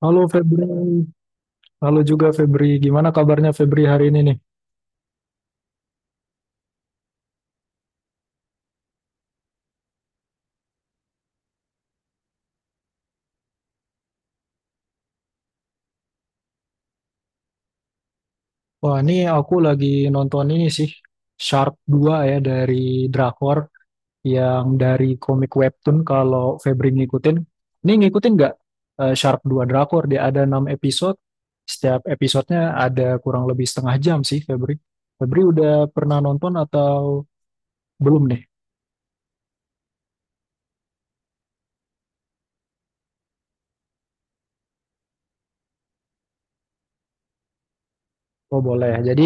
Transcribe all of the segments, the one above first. Halo Febri, halo juga Febri. Gimana kabarnya Febri hari ini nih? Wah, ini aku lagi nonton ini sih, Shark dua ya dari Drakor yang dari komik webtoon kalau Febri ngikutin. Ini ngikutin nggak Shark 2 Drakor? Dia ada 6 episode, setiap episodenya ada kurang lebih setengah jam sih Febri. Febri udah pernah nonton atau belum nih? Oh, boleh. Ya. Jadi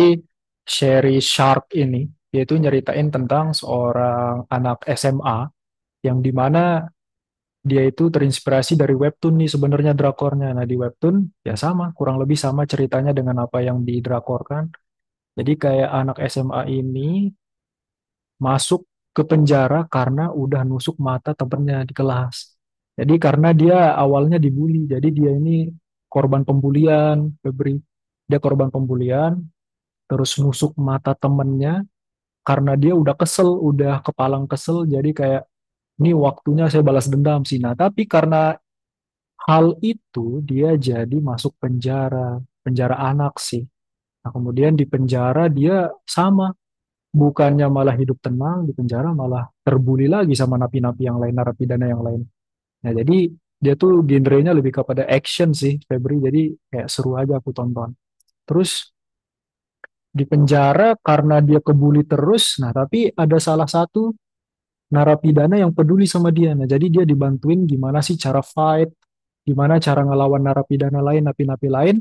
seri Shark ini yaitu nyeritain tentang seorang anak SMA yang dimana dia itu terinspirasi dari webtoon nih sebenarnya drakornya. Nah, di webtoon ya sama, kurang lebih sama ceritanya dengan apa yang didrakorkan. Jadi kayak anak SMA ini masuk ke penjara karena udah nusuk mata temennya di kelas. Jadi karena dia awalnya dibully, jadi dia ini korban pembulian, Febri. Dia korban pembulian, terus nusuk mata temennya karena dia udah kesel, udah kepalang kesel, jadi kayak ini waktunya saya balas dendam sih. Nah, tapi karena hal itu dia jadi masuk penjara, penjara anak sih. Nah, kemudian di penjara dia sama, bukannya malah hidup tenang, di penjara malah terbuli lagi sama napi-napi yang lain, narapidana yang lain. Nah, jadi dia tuh genrenya lebih kepada action sih, Febri. Jadi kayak seru aja aku tonton. Terus di penjara karena dia kebuli terus, nah tapi ada salah satu narapidana yang peduli sama dia. Nah, jadi dia dibantuin gimana sih cara fight, gimana cara ngelawan narapidana lain, napi-napi lain.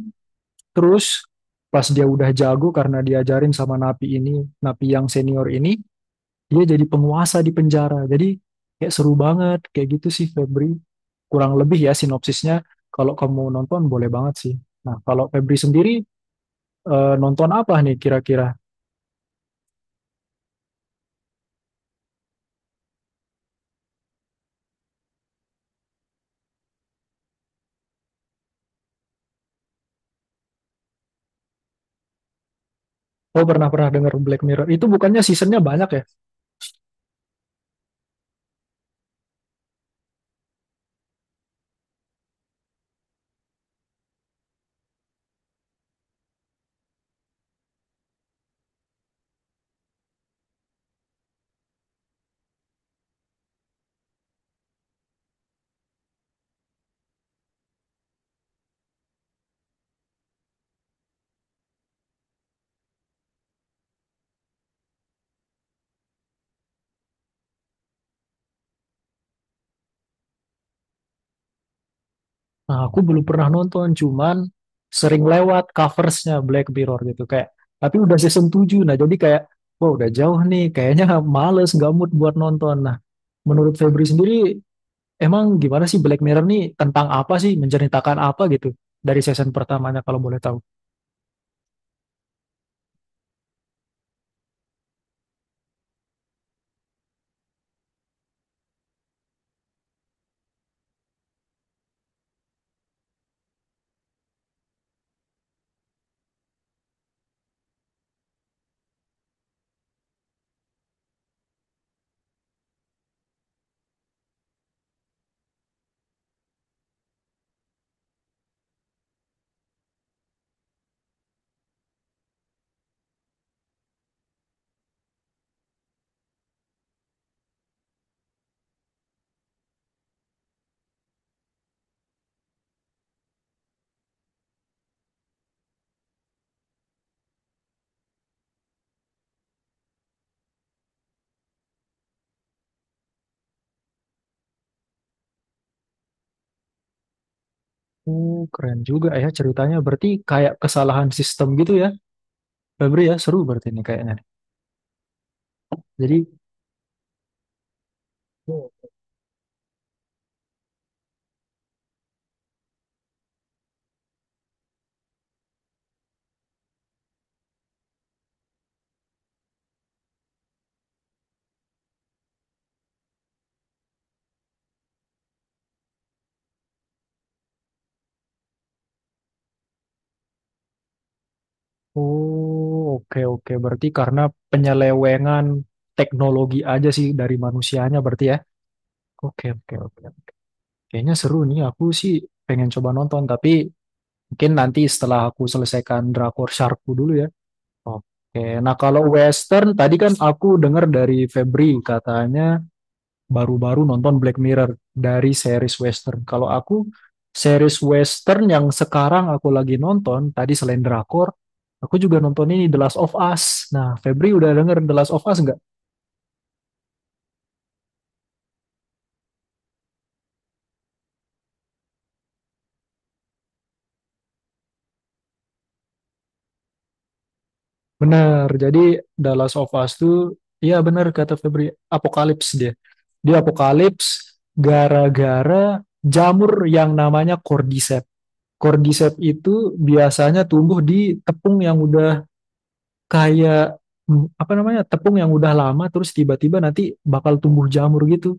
Terus pas dia udah jago karena diajarin sama napi ini, napi yang senior ini, dia jadi penguasa di penjara. Jadi kayak seru banget, kayak gitu sih Febri. Kurang lebih ya sinopsisnya. Kalau kamu nonton boleh banget sih. Nah, kalau Febri sendiri nonton apa nih kira-kira? Oh, pernah-pernah denger Black Mirror. Itu bukannya seasonnya banyak ya? Nah, aku belum pernah nonton, cuman sering lewat coversnya Black Mirror gitu kayak. Tapi udah season 7 nah jadi kayak, wah udah jauh nih, kayaknya males, gak mood buat nonton. Nah, menurut Febri sendiri, emang gimana sih Black Mirror nih tentang apa sih, menceritakan apa gitu dari season pertamanya kalau boleh tahu? Oh, keren juga ya ceritanya. Berarti kayak kesalahan sistem gitu ya, Febri ya, seru berarti ini kayaknya. Jadi. Oh, oke oke. Berarti karena penyelewengan teknologi aja sih dari manusianya berarti ya. Oke oke oke. Kayaknya seru nih. Aku sih pengen coba nonton tapi mungkin nanti setelah aku selesaikan Drakor Sharkku dulu ya. Oke. Nah, kalau western tadi kan aku dengar dari Febri katanya baru-baru nonton Black Mirror dari series western. Kalau aku series western yang sekarang aku lagi nonton tadi selain drakor, aku juga nonton ini The Last of Us. Nah, Febri udah denger The Last of Us nggak? Bener. Jadi The Last of Us tuh, iya bener kata Febri, apokalips dia. Dia apokalips gara-gara jamur yang namanya cordyceps. Cordyceps itu biasanya tumbuh di tepung yang udah kayak apa namanya tepung yang udah lama terus tiba-tiba nanti bakal tumbuh jamur gitu.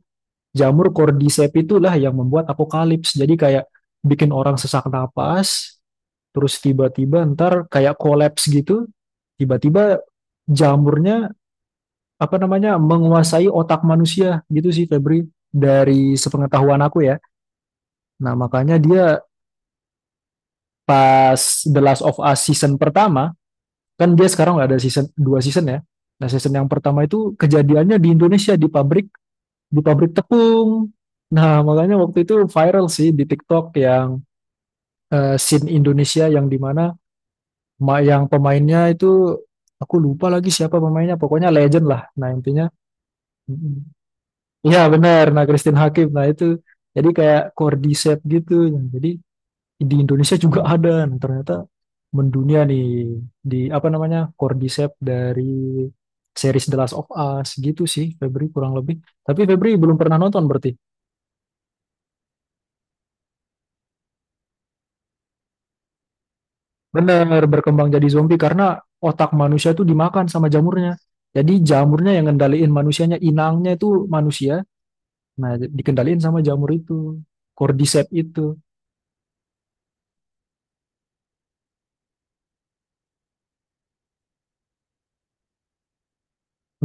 Jamur cordyceps itulah yang membuat apokalips. Jadi kayak bikin orang sesak napas, terus tiba-tiba ntar kayak kolaps gitu. Tiba-tiba jamurnya apa namanya menguasai otak manusia gitu sih Febri dari sepengetahuan aku ya. Nah makanya dia pas The Last of Us season pertama, kan dia sekarang nggak ada season dua season ya, nah season yang pertama itu kejadiannya di Indonesia, di pabrik tepung. Nah makanya waktu itu viral sih di TikTok yang scene Indonesia yang dimana yang pemainnya itu aku lupa lagi siapa pemainnya, pokoknya legend lah, nah intinya. Iya benar, nah Christine Hakim, nah itu jadi kayak cordyceps gitu. Nah, jadi di Indonesia juga ada. Nah, ternyata mendunia nih di apa namanya Cordyceps dari series The Last of Us gitu sih Febri kurang lebih. Tapi Febri belum pernah nonton berarti. Bener berkembang jadi zombie karena otak manusia itu dimakan sama jamurnya. Jadi jamurnya yang ngendaliin manusianya, inangnya itu manusia. Nah, dikendaliin sama jamur itu, Cordyceps itu.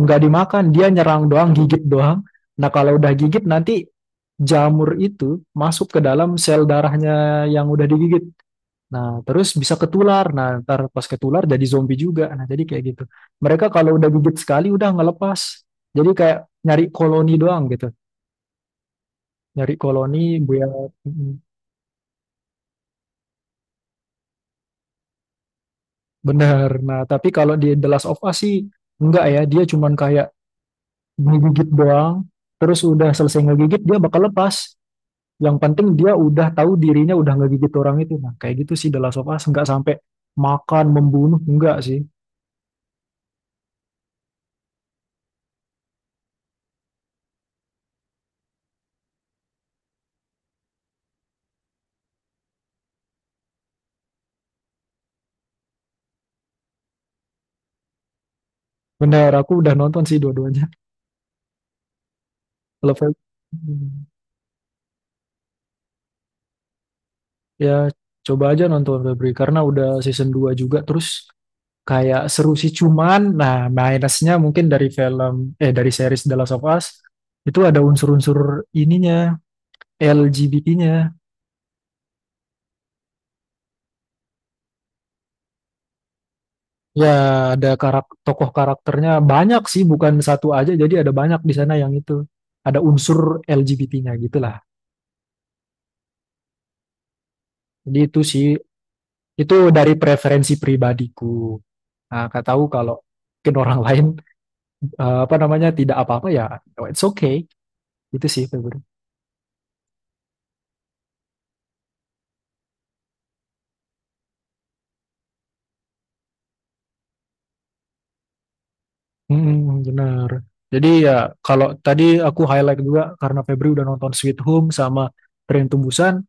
Nggak dimakan, dia nyerang doang, gigit doang. Nah, kalau udah gigit nanti jamur itu masuk ke dalam sel darahnya yang udah digigit. Nah, terus bisa ketular. Nah, ntar pas ketular jadi zombie juga. Nah, jadi kayak gitu. Mereka kalau udah gigit sekali udah nggak lepas. Jadi kayak nyari koloni doang gitu. Nyari koloni buat. Bener. Nah, tapi kalau di The Last of Us sih enggak ya. Dia cuman kayak ngegigit doang. Terus udah selesai ngegigit dia bakal lepas. Yang penting dia udah tahu dirinya udah nggak gigit orang itu. Nah, kayak gitu sih The Last of Us nggak sampai makan membunuh enggak sih. Bener, aku udah nonton sih dua-duanya. Kalau Fel- Hmm. Ya coba aja nonton Febri karena udah season 2 juga terus kayak seru sih cuman nah minusnya mungkin dari film eh dari series The Last of Us itu ada unsur-unsur ininya LGBT-nya. Ya, ada tokoh karakternya banyak sih, bukan satu aja. Jadi ada banyak di sana yang itu. Ada unsur LGBT-nya gitulah. Jadi itu sih, itu dari preferensi pribadiku. Nah, kak tahu kalau mungkin orang lain apa namanya tidak apa-apa ya, oh, it's okay. Itu sih Febri. Mm, benar. Jadi ya kalau tadi aku highlight juga karena Febri udah nonton Sweet Home sama Tren Tembusan.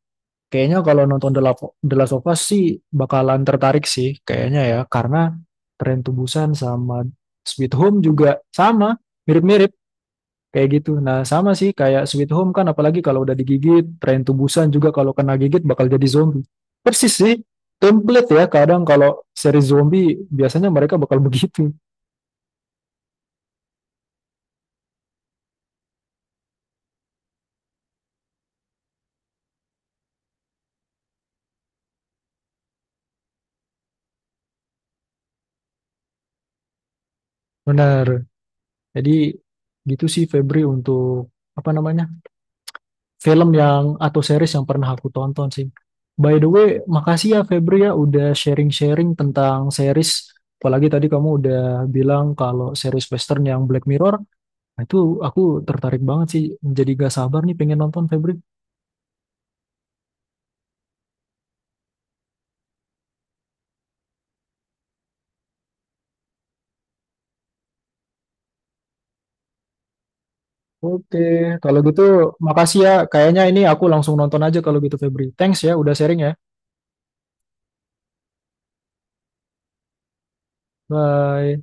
Kayaknya kalau nonton The Last of Us sih bakalan tertarik sih kayaknya ya karena Tren Tubusan sama Sweet Home juga sama, mirip-mirip kayak gitu. Nah, sama sih kayak Sweet Home kan apalagi kalau udah digigit, Tren Tubusan juga kalau kena gigit bakal jadi zombie. Persis sih, template ya kadang kalau seri zombie biasanya mereka bakal begitu. Benar. Jadi gitu sih Febri untuk apa namanya? Film yang atau series yang pernah aku tonton sih. By the way, makasih ya Febri ya udah sharing-sharing tentang series. Apalagi tadi kamu udah bilang kalau series Western yang Black Mirror, nah itu aku tertarik banget sih. Jadi gak sabar nih pengen nonton Febri. Oke, kalau gitu makasih ya. Kayaknya ini aku langsung nonton aja kalau gitu Febri. Thanks ya udah sharing ya. Bye.